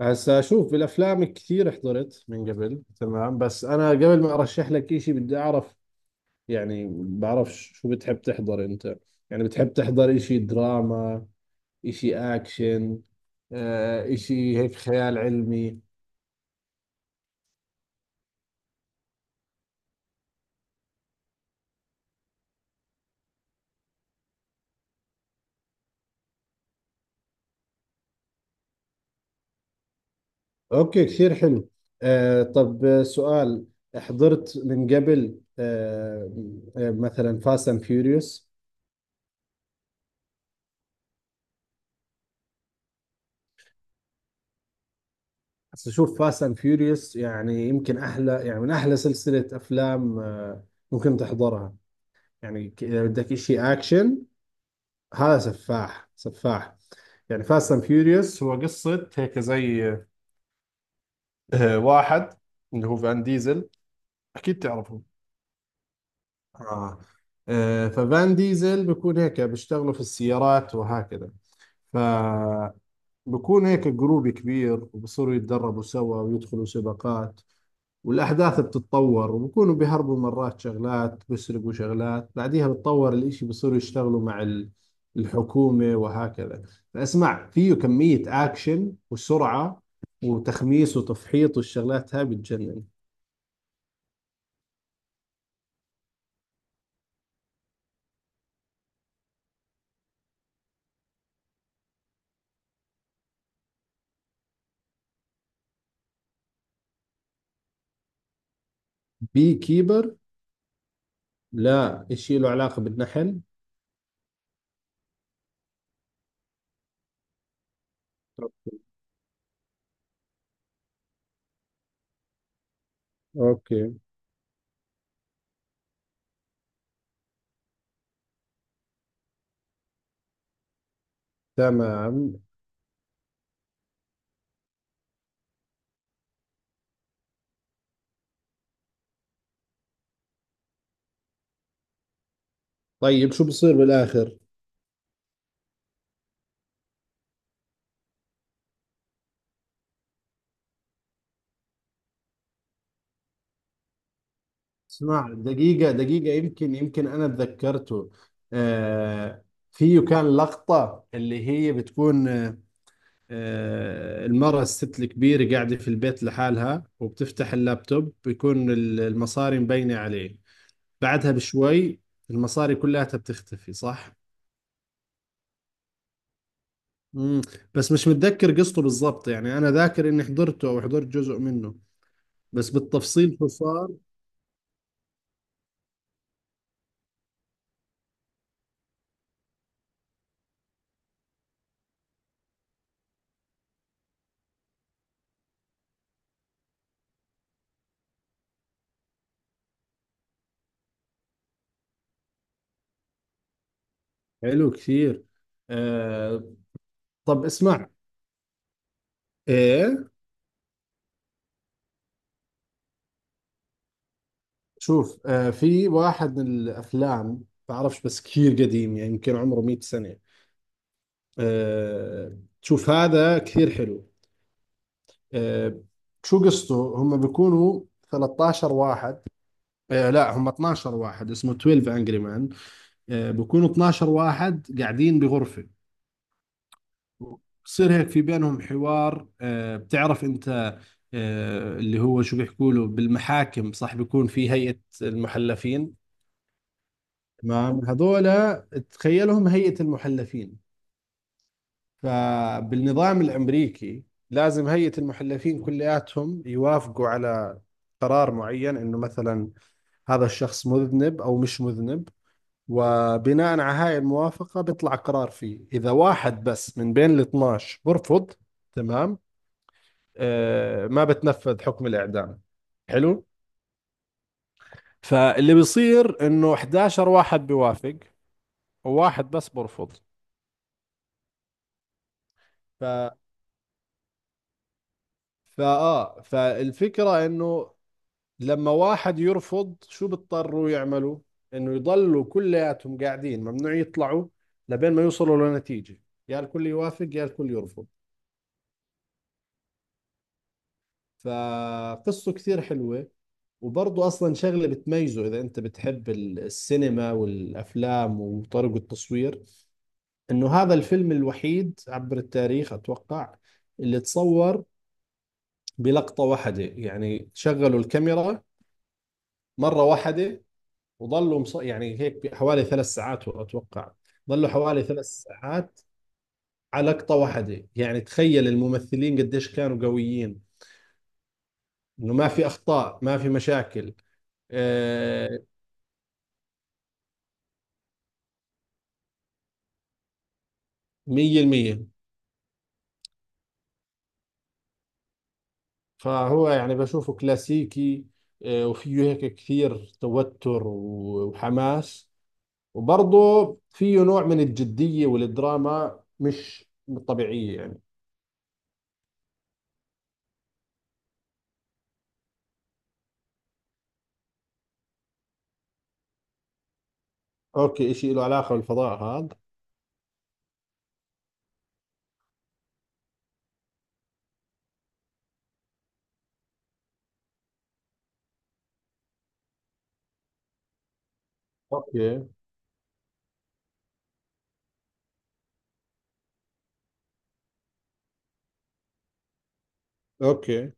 هسا شوف بالافلام كثير حضرت من قبل، تمام. بس انا قبل ما ارشح لك إشي بدي اعرف، يعني بعرف شو بتحب تحضر انت. يعني بتحب تحضر إشي دراما، إشي اكشن، إشي هيك خيال علمي؟ اوكي، كثير حلو. طب سؤال. حضرت من قبل مثلا فاست اند فيوريوس؟ هسا شوف، فاست اند فيوريوس يعني يمكن احلى، يعني من احلى سلسلة افلام. ممكن تحضرها، يعني إذا بدك إشي أكشن هذا سفاح سفاح. يعني فاست أند فيوريوس هو قصة هيك زي واحد اللي هو فان ديزل، أكيد تعرفه. آه. ففان ديزل بيكون هيك بيشتغلوا في السيارات وهكذا، فبكون هيك جروب كبير وبصيروا يتدربوا سوا ويدخلوا سباقات. والأحداث بتتطور وبكونوا بيهربوا مرات، شغلات بيسرقوا شغلات، بعديها بتطور الإشي بيصيروا يشتغلوا مع الحكومة وهكذا. فأسمع، فيه كمية أكشن وسرعة وتخميس وتفحيط والشغلات هاي بتجنن. بي كيبر؟ لا، إشي له علاقة بالنحل. أوكي. تمام. طيب شو بصير بالآخر؟ اسمع، دقيقة دقيقة، يمكن أنا تذكرته. آه فيه كان لقطة اللي هي بتكون المرأة، الست الكبيرة، قاعدة في البيت لحالها وبتفتح اللابتوب بيكون المصاري مبينة عليه. بعدها بشوي المصاري كلها بتختفي، صح؟ مم. بس مش متذكر قصته بالضبط، يعني أنا ذاكر إني حضرته أو حضرت جزء منه، بس بالتفصيل شو صار. حلو كثير. آه طب اسمع. إيه، شوف، في واحد من الأفلام. بعرفش بس كثير قديم، يعني يمكن عمره 100 سنة. شوف هذا كثير حلو. آه، شو قصته، هم بيكونوا 13 واحد، لا هم 12 واحد، اسمه 12 انجري مان. بيكونوا 12 واحد قاعدين بغرفة. بصير هيك في بينهم حوار. بتعرف انت اللي هو شو بيحكوا له بالمحاكم، صح؟ بيكون في هيئة المحلفين. تمام، هذول تخيلهم هيئة المحلفين. فبالنظام الامريكي لازم هيئة المحلفين كلياتهم يوافقوا على قرار معين، انه مثلا هذا الشخص مذنب أو مش مذنب. وبناء على هاي الموافقة بيطلع قرار. فيه إذا واحد بس من بين ال 12 برفض، تمام، ما بتنفذ حكم الإعدام. حلو. فاللي بيصير إنه 11 واحد بيوافق وواحد بس برفض. ف... فآه فالفكرة إنه لما واحد يرفض، شو بيضطروا يعملوا؟ إنه يضلوا كلياتهم قاعدين، ممنوع يطلعوا لبين ما يوصلوا لنتيجة، يا الكل يوافق يا الكل يرفض. فقصته كثير حلوة. وبرضه أصلا شغلة بتميزه، إذا أنت بتحب السينما والأفلام وطرق التصوير. إنه هذا الفيلم الوحيد عبر التاريخ أتوقع اللي تصور بلقطة واحدة. يعني شغلوا الكاميرا مرة واحدة، وظلوا يعني هيك حوالي 3 ساعات أتوقع، ظلوا حوالي 3 ساعات على لقطة واحدة. يعني تخيل الممثلين قديش كانوا قويين، إنه ما في أخطاء ما في مشاكل. آه، مية المية. فهو يعني بشوفه كلاسيكي. وفيه هيك كثير توتر وحماس. وبرضه فيه نوع من الجدية والدراما مش طبيعية، يعني. أوكي، إشي له علاقة بالفضاء هذا؟ أوكي. أوكي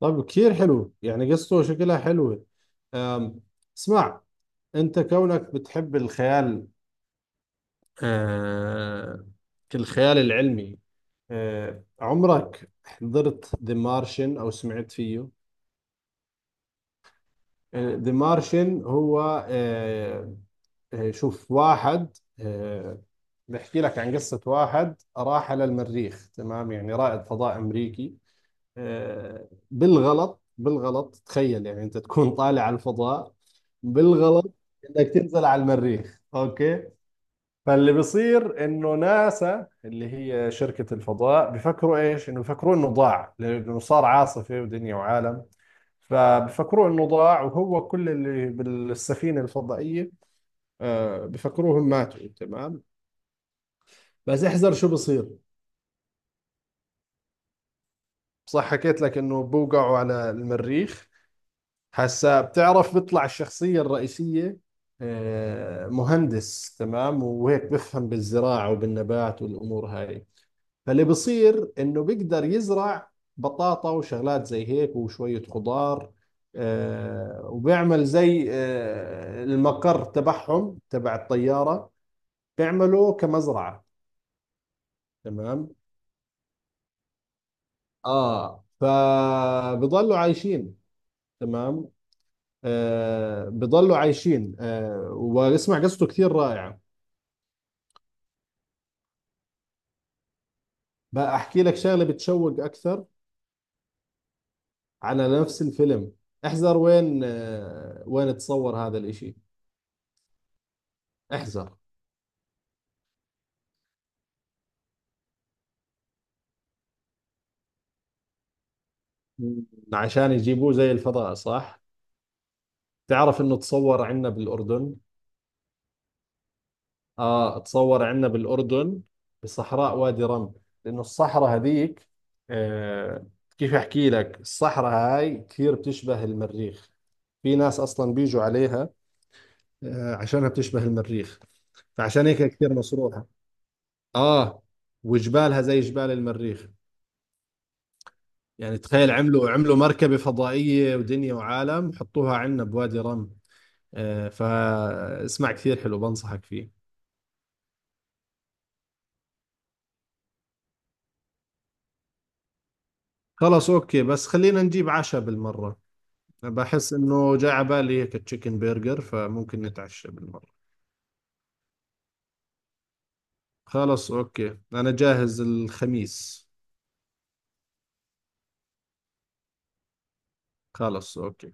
طب، كثير حلو يعني قصته شكلها حلوة. أم، اسمع، أنت كونك بتحب الخيال، آه الخيال العلمي. عمرك حضرت ذا مارشن او سمعت فيه؟ ذا مارشن هو آه، شوف، واحد بحكي لك عن قصة واحد راح على المريخ، تمام، يعني رائد فضاء امريكي. بالغلط، بالغلط، تخيل يعني انت تكون طالع على الفضاء، بالغلط انك تنزل على المريخ. اوكي. فاللي بيصير انه ناسا، اللي هي شركة الفضاء، بفكروا ايش؟ انه بفكروا انه ضاع، لانه صار عاصفة ودنيا وعالم. فبفكروا انه ضاع، وهو كل اللي بالسفينة الفضائية بفكروهم ماتوا. تمام، بس احذر شو بصير. صح حكيت لك انه بوقعوا على المريخ. هسا بتعرف، بيطلع الشخصية الرئيسية مهندس، تمام، وهيك بفهم بالزراعة وبالنبات والامور هاي. فاللي بيصير انه بيقدر يزرع بطاطا وشغلات زي هيك وشوية خضار. وبيعمل زي المقر تبعهم تبع الطيارة، بيعملوا كمزرعة. تمام. اه، فبضلوا عايشين. تمام، بضلوا عايشين. واسمع قصته كثير رائعة. بقى احكي لك شغلة بتشوق اكثر على نفس الفيلم. احذر وين تصور هذا الاشي. احذر. مم. عشان يجيبوه زي الفضاء، صح؟ تعرف انه تصور عندنا بالاردن؟ اه، تصور عندنا بالاردن، بصحراء وادي رم. لانه الصحراء هذيك، آه كيف احكي لك؟ الصحراء هاي كثير بتشبه المريخ، في ناس اصلا بيجوا عليها عشانها بتشبه المريخ، فعشان هيك كثير مصروحة. اه، وجبالها زي جبال المريخ، يعني تخيل عملوا مركبة فضائية ودنيا وعالم حطوها عندنا بوادي رم. فاسمع، كثير حلو بنصحك فيه. خلاص، أوكي، بس خلينا نجيب عشاء بالمرة. بحس إنه جاء على بالي هيك تشيكن برجر، فممكن نتعشى بالمرة. خلاص أوكي، أنا جاهز الخميس. خلاص أوكي.